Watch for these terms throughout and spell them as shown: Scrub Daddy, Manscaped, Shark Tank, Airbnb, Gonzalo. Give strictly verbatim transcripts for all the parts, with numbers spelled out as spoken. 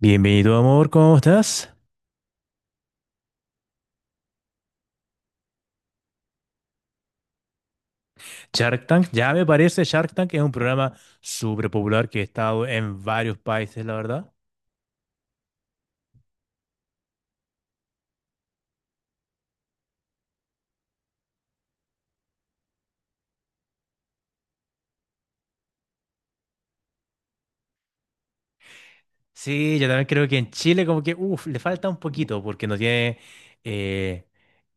Bienvenido, amor, ¿cómo estás? Shark Tank, ya me parece, Shark Tank es un programa súper popular que ha estado en varios países, la verdad. Sí, yo también creo que en Chile como que, uff, le falta un poquito porque no tiene. eh,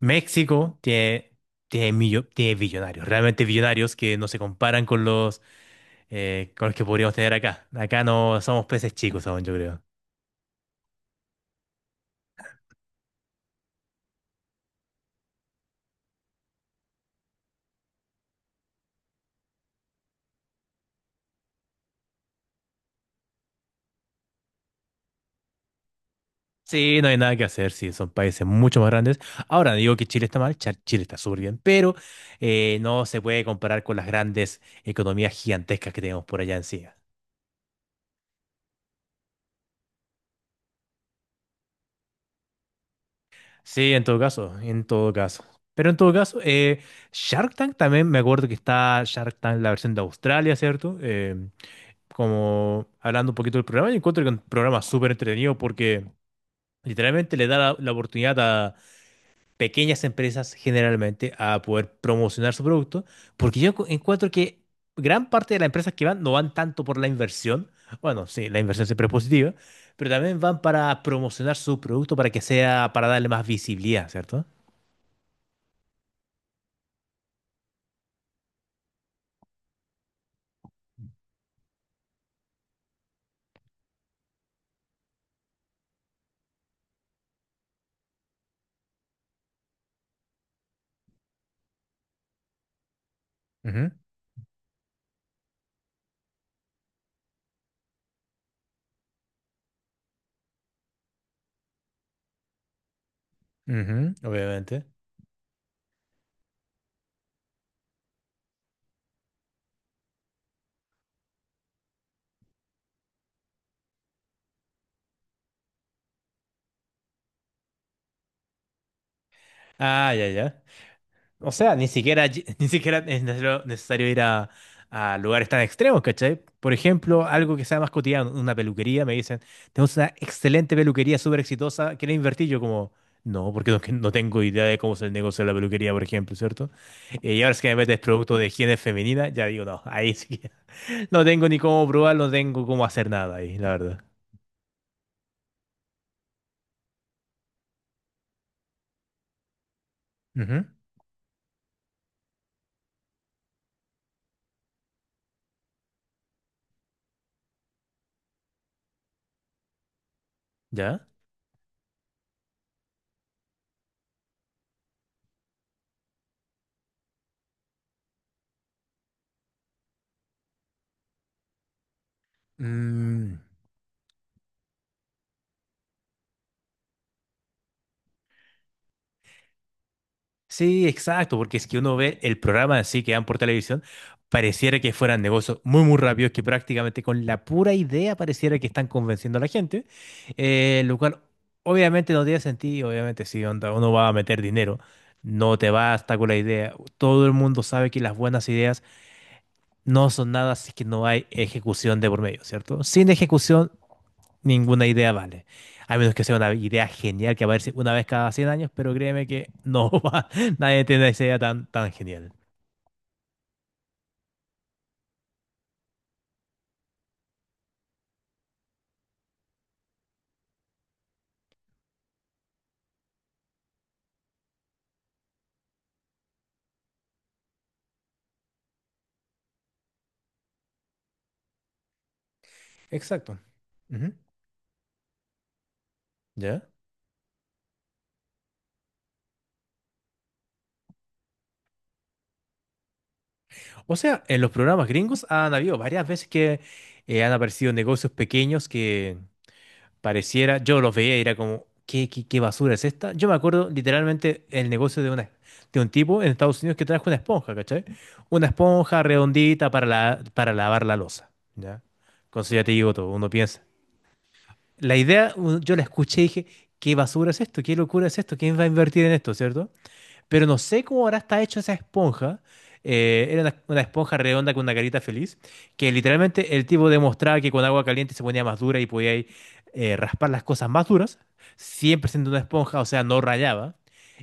México tiene, tiene, millo- tiene billonarios, realmente billonarios que no se comparan con los, eh, con los que podríamos tener acá. Acá no somos peces chicos aún, yo creo. Sí, no hay nada que hacer, sí, son países mucho más grandes. Ahora, no digo que Chile está mal, Cha- Chile está súper bien, pero eh, no se puede comparar con las grandes economías gigantescas que tenemos por allá encima. Sí, en todo caso, en todo caso. Pero en todo caso, eh, Shark Tank también, me acuerdo que está Shark Tank, la versión de Australia, ¿cierto? Eh, como hablando un poquito del programa, yo encuentro que es un programa súper entretenido porque literalmente le da la, la oportunidad pequeñas empresas generalmente a poder promocionar su producto, porque yo encu- encuentro que gran parte de las empresas que van no van tanto por la inversión, bueno, sí, la inversión siempre es positiva, pero también van para promocionar su producto para que sea, para darle más visibilidad, ¿cierto? Ujú, ujú. Obviamente. Ah, ya, ya. O sea, ni siquiera, ll- ni siquiera es necesario necesario ir a, a lugares tan extremos, ¿cachai? Por ejemplo, algo que sea más cotidiano, una peluquería, me dicen, tenemos una excelente peluquería súper exitosa, ¿quieres invertir? Yo como, no, porque no, que no tengo idea de cómo es el negocio de la peluquería, por ejemplo, ¿cierto? Eh, y ahora es que me metes producto de higiene femenina, ya digo, no, ahí sí que no tengo ni cómo probar, no tengo cómo hacer nada ahí, la verdad. Ujú, ¿ya? Mm. Sí, exacto, porque es que uno ve el programa así que dan por televisión, pareciera que fueran negocios muy, muy rápidos, que prácticamente con la pura idea pareciera que están convenciendo a la gente, eh, lo cual obviamente no tiene sentido, obviamente si onda, uno va a meter dinero, no te basta con la idea, todo el mundo sabe que las buenas ideas no son nada si es que no hay ejecución de por medio, ¿cierto? Sin ejecución ninguna idea vale. A menos que sea una idea genial que aparece una vez cada cien años, pero créeme que no va, nadie tiene esa idea tan, tan genial. Exacto. Ujú, ¿ya? O sea, en los programas gringos han habido varias veces que eh, han aparecido negocios pequeños que pareciera, yo los veía y era como, ¿qué, qué, qué basura es esta? Yo me acuerdo literalmente el negocio de, una, de un tipo en Estados Unidos que trajo una esponja, ¿cachai? Una esponja redondita para, la, para lavar la loza, ¿ya? Con eso ya te digo todo, uno piensa. La idea, u- yo la escuché y dije, ¿qué basura es esto? ¿Qué locura es esto? ¿Quién va a invertir en esto, cierto? Pero no sé cómo ahora está hecha esa esponja. Eh, era una, una esponja redonda con una carita feliz, que literalmente el tipo demostraba que con agua caliente se ponía más dura y podía ahí, eh, raspar las cosas más duras, siempre siendo una esponja, o sea, no rayaba,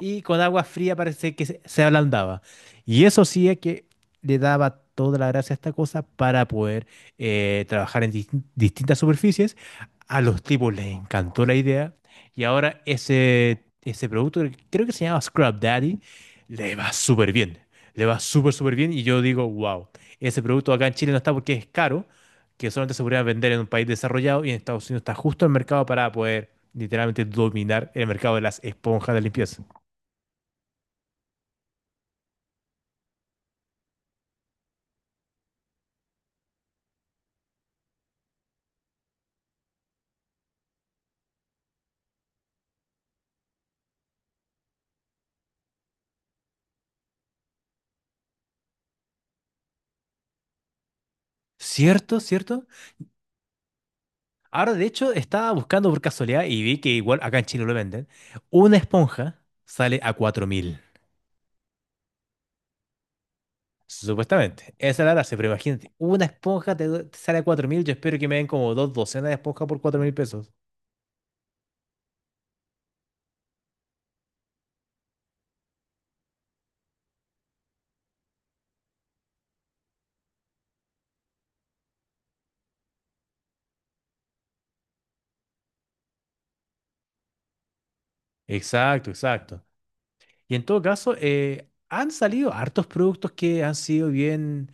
y con agua fría parece que se, se ablandaba. Y eso sí es que le daba toda la gracia a esta cosa para poder eh, trabajar en dis- distintas superficies. A los tipos les encantó la idea, y ahora ese, ese producto, creo que se llama Scrub Daddy, le va súper bien. Le va súper, súper bien. Y yo digo, wow, ese producto acá en Chile no está porque es caro, que solamente se podría vender en un país desarrollado y en Estados Unidos está justo el mercado para poder literalmente dominar el mercado de las esponjas de limpieza. Cierto, cierto. Ahora, de hecho, estaba buscando por casualidad y vi que igual acá en Chile lo venden. Una esponja sale a cuatro mil. Supuestamente, esa es la gracia, pero imagínate, una esponja te, du- te sale a 4 mil, yo espero que me den como dos docenas de esponjas por cuatro mil pesos. Exacto, exacto. Y en todo caso, eh, han salido hartos productos que han sido bien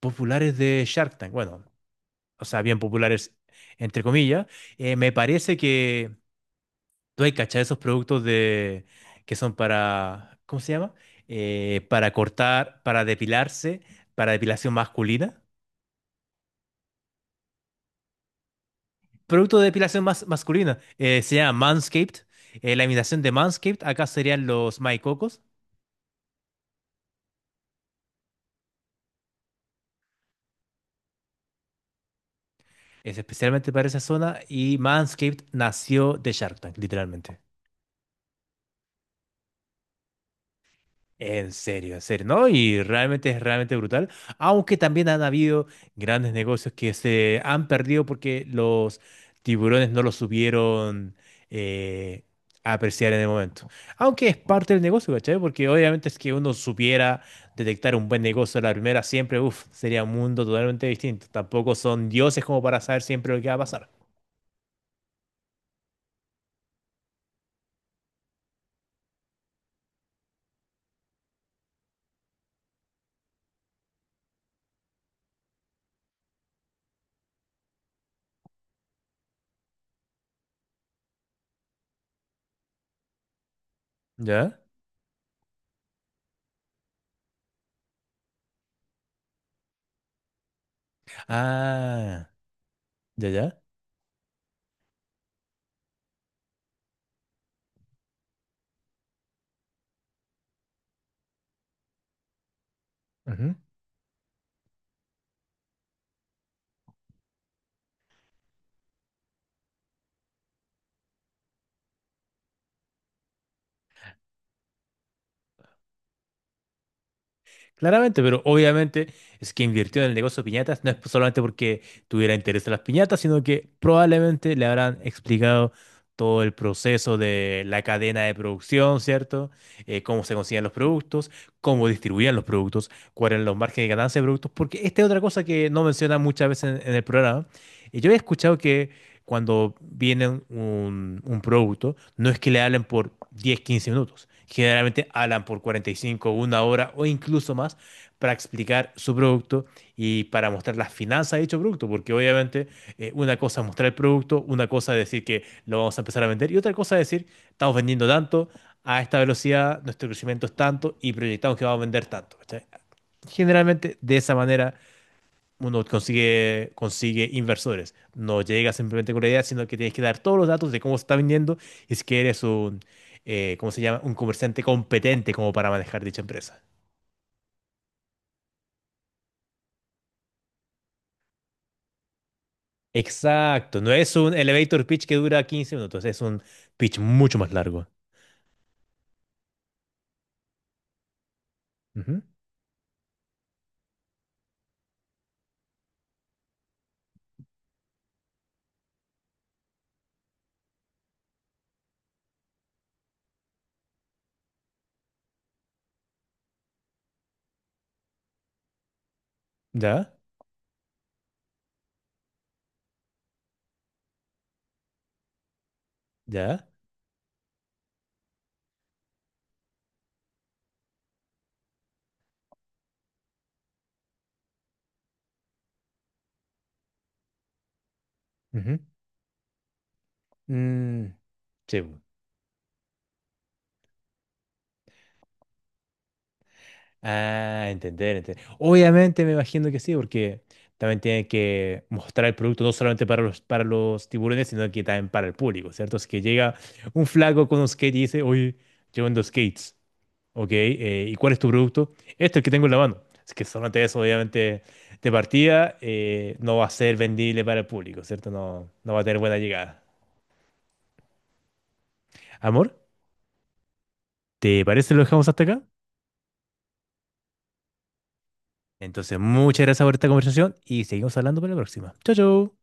populares de Shark Tank. Bueno, o sea, bien populares, entre comillas. Eh, me parece que tú hay cachado esos productos de, que son para, ¿cómo se llama? Eh, para cortar, para depilarse, para depilación masculina. Producto de depilación más masculina. Eh, se llama Manscaped. Eh, la imitación de Manscaped acá serían los maicocos. Es especialmente para esa zona. Y Manscaped nació de Shark Tank, literalmente. En serio, en serio, ¿no? Y realmente es realmente brutal, aunque también han habido grandes negocios que se han perdido porque los tiburones no los supieron eh, apreciar en el momento. Aunque es parte del negocio, ¿cachai? Porque obviamente es que uno supiera detectar un buen negocio a la primera, siempre, uff, sería un mundo totalmente distinto. Tampoco son dioses como para saber siempre lo que va a pasar. ¿Ya? Ah, ya, ya. Claramente, pero obviamente es que invirtió en el negocio de piñatas, no es solamente porque tuviera interés en las piñatas, sino que probablemente le habrán explicado todo el proceso de la cadena de producción, ¿cierto? Eh, cómo se consiguen los productos, cómo distribuían los productos, cuáles eran los márgenes de ganancia de productos, porque esta es otra cosa que no mencionan muchas veces en, en el programa. Y yo he escuchado que cuando vienen un, un producto, no es que le hablen por diez quince minutos. Generalmente hablan por cuarenta y cinco una hora o incluso más para explicar su producto y para mostrar las finanzas de dicho producto, porque obviamente eh, una cosa es mostrar el producto, una cosa es decir que lo vamos a empezar a vender y otra cosa es decir, estamos vendiendo tanto, a esta velocidad, nuestro crecimiento es tanto y proyectamos que vamos a vender tanto. ¿Cachai? Generalmente de esa manera uno consigue, consigue inversores. No llega simplemente con la idea, sino que tienes que dar todos los datos de cómo se está vendiendo y si que eres un, eh, ¿cómo se llama? Un comerciante competente como para manejar dicha empresa. Exacto, no es un elevator pitch que dura quince minutos, es un pitch mucho más largo. Ujú, ¿ya? ¿Ya? Ujú, mm, sí, ah, entender, entender. Obviamente me imagino que sí, porque también tienen que mostrar el producto no solamente para los, para los tiburones, sino que también para el público, ¿cierto? Es que llega un flaco con un skate y dice, oye, yo vendo skates, ¿ok? eh, ¿y cuál es tu producto? Este, el que tengo en la mano. Es que solamente eso, obviamente, de partida eh, no va a ser vendible para el público, ¿cierto? No, no va a tener buena llegada. Amor, ¿te parece si lo dejamos hasta acá? Entonces, muchas gracias por esta conversación y seguimos hablando para la próxima. Chao, chao.